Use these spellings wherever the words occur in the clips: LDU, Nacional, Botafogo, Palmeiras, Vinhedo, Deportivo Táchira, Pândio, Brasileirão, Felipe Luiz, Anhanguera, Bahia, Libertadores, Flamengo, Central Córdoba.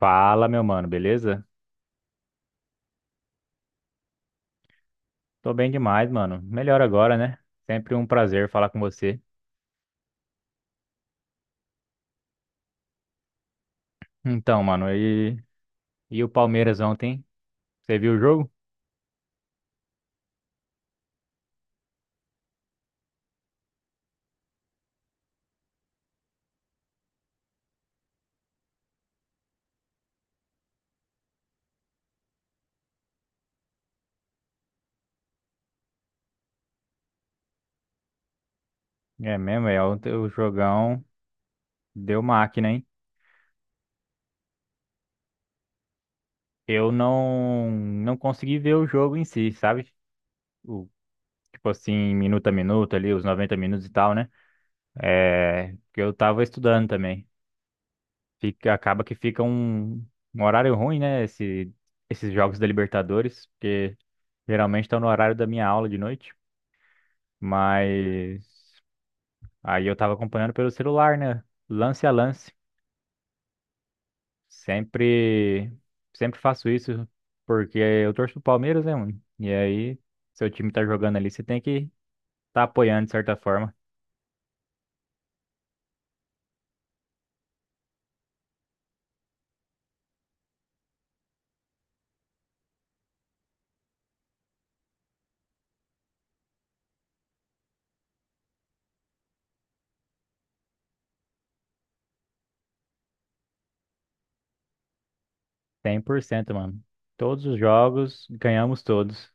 Fala, meu mano, beleza? Tô bem demais, mano. Melhor agora, né? Sempre um prazer falar com você. Então, mano, e o Palmeiras ontem? Você viu o jogo? É mesmo, é. Ontem o jogão deu máquina, hein? Eu não consegui ver o jogo em si, sabe? O, tipo assim, minuto a minuto ali, os 90 minutos e tal, né? É, que eu tava estudando também. Acaba que fica um horário ruim, né? Esses jogos da Libertadores, porque geralmente estão no horário da minha aula de noite. Mas aí eu tava acompanhando pelo celular, né? Lance a lance. Sempre, sempre faço isso porque eu torço pro Palmeiras, né, mano? E aí, seu time tá jogando ali, você tem que tá apoiando de certa forma. 100%, mano. Todos os jogos, ganhamos todos.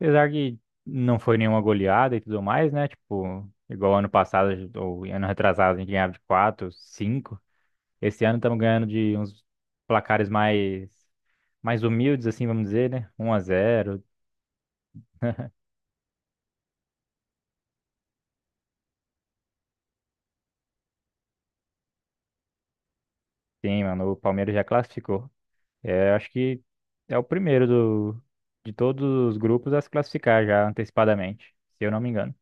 Apesar que não foi nenhuma goleada e tudo mais, né? Tipo, igual ano passado ou ano retrasado, a gente ganhava de 4 cinco. Esse ano estamos ganhando de uns placares mais humildes, assim, vamos dizer, né? 1 a 0. Sim, mano, o Palmeiras já classificou. É, acho que é o primeiro de todos os grupos a se classificar já antecipadamente, se eu não me engano.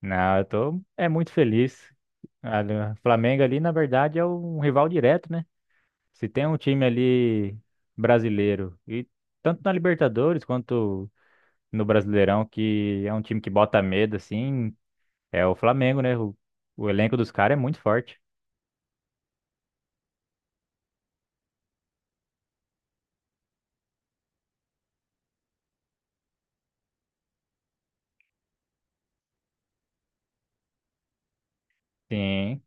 Não, eu tô é muito feliz. A- o Flamengo ali, na verdade, é um rival direto, né? Se tem um time ali brasileiro, e tanto na Libertadores quanto no Brasileirão, que é um time que bota medo, assim, é o Flamengo, né? O elenco dos caras é muito forte. Sim.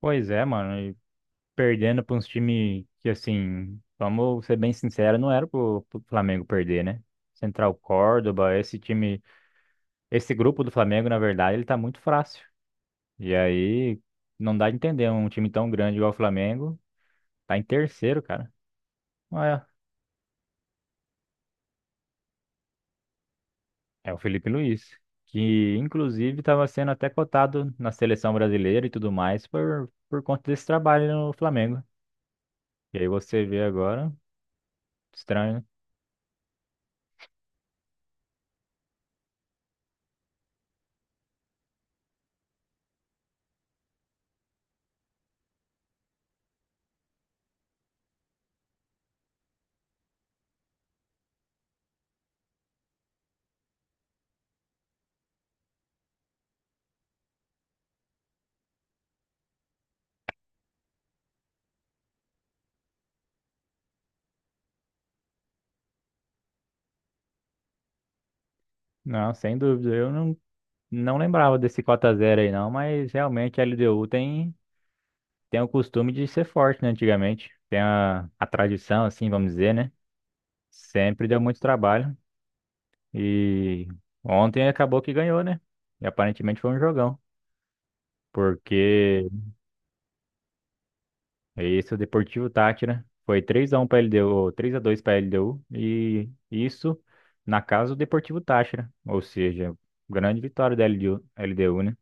Pois é, mano. E perdendo para uns times que, assim, vamos ser bem sinceros, não era pro Flamengo perder, né? Central Córdoba, esse grupo do Flamengo, na verdade, ele tá muito fácil. E aí, não dá de entender um time tão grande igual o Flamengo, tá em terceiro, cara. Olha, é o Felipe Luiz, que inclusive estava sendo até cotado na seleção brasileira e tudo mais por conta desse trabalho no Flamengo. E aí você vê agora, estranho, né? Não, sem dúvida. Eu não lembrava desse 4x0 aí não, mas realmente a LDU tem o costume de ser forte, né, antigamente. Tem a tradição, assim, vamos dizer, né? Sempre deu muito trabalho. E ontem acabou que ganhou, né? E aparentemente foi um jogão. Porque esse é o Deportivo Tátira. Foi 3x1 pra LDU, 3x2 pra LDU. E isso na casa do Deportivo Táchira. Ou seja, grande vitória da LDU, né?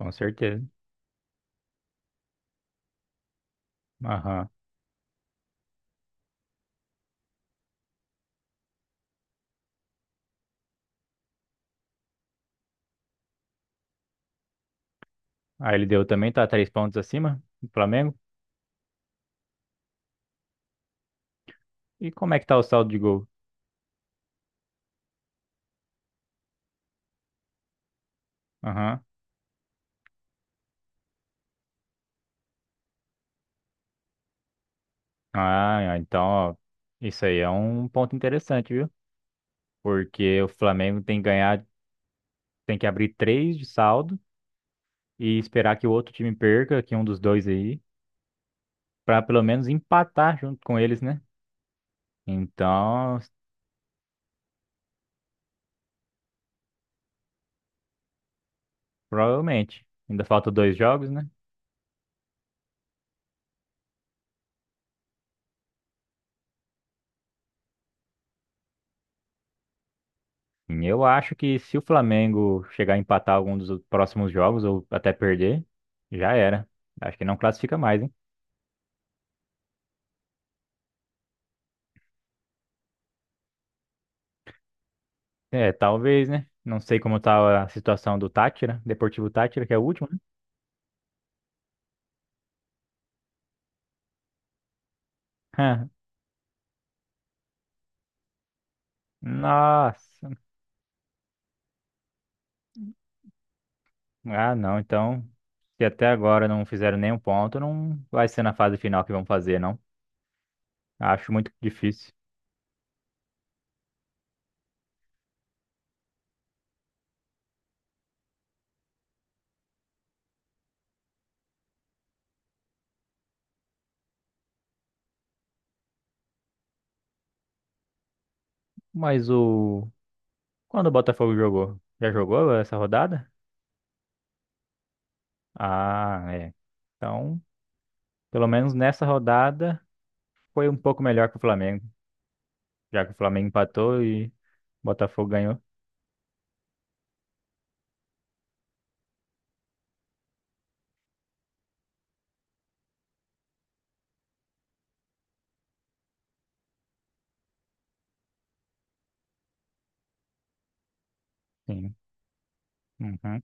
Com certeza. Aham. A LDU também tá três pontos acima do Flamengo. E como é que tá o saldo de gol? Aham. Ah, é, então, ó, isso aí é um ponto interessante, viu? Porque o Flamengo tem que ganhar, tem que abrir três de saldo e esperar que o outro time perca, que um dos dois aí, pra pelo menos empatar junto com eles, né? Então, provavelmente. Ainda falta dois jogos, né? Eu acho que se o Flamengo chegar a empatar algum dos próximos jogos ou até perder, já era. Acho que não classifica mais, hein? É, talvez, né? Não sei como tá a situação do Tátira, Deportivo Tátira, que é o último, né? Nossa. Ah, não. Então, se até agora não fizeram nenhum ponto, não vai ser na fase final que vão fazer, não. Acho muito difícil. Mas o. Quando o Botafogo jogou? Já jogou essa rodada? Ah, é. Então, pelo menos nessa rodada, foi um pouco melhor que o Flamengo, já que o Flamengo empatou e o Botafogo ganhou. Sim. Uhum.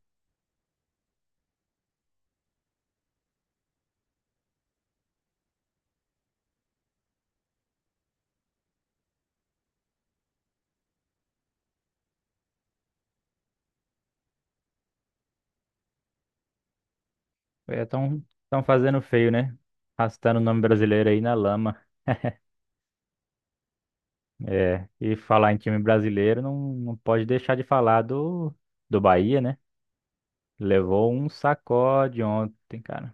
Estão fazendo feio, né? Arrastando o nome brasileiro aí na lama. É, e falar em time brasileiro não pode deixar de falar do Bahia, né? Levou um sacode ontem, cara.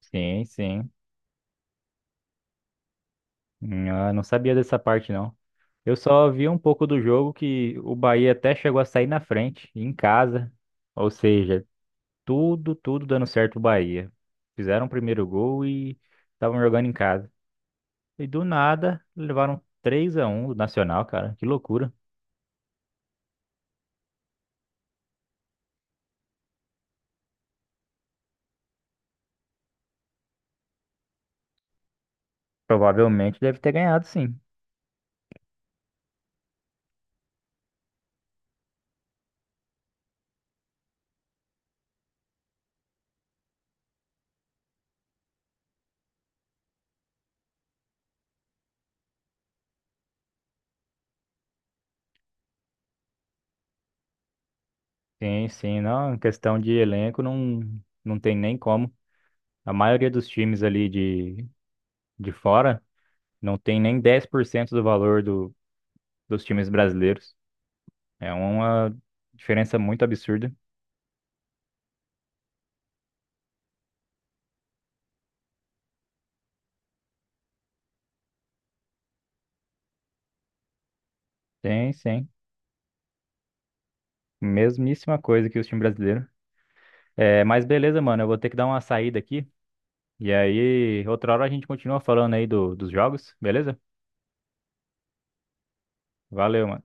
Sim, sim. Eu não sabia dessa parte, não. Eu só vi um pouco do jogo que o Bahia até chegou a sair na frente, em casa. Ou seja, tudo dando certo o Bahia. Fizeram o primeiro gol e estavam jogando em casa. E do nada, levaram 3 a 1 do Nacional, cara. Que loucura. Provavelmente deve ter ganhado, sim. Sim, sim. Não, em questão de elenco, não, não tem nem como. A maioria dos times ali de fora não tem nem 10% do valor dos times brasileiros. É uma diferença muito absurda. Sim, sim. Mesmíssima coisa que os times brasileiros. É, mas beleza, mano. Eu vou ter que dar uma saída aqui. E aí, outra hora a gente continua falando aí dos jogos, beleza? Valeu, mano.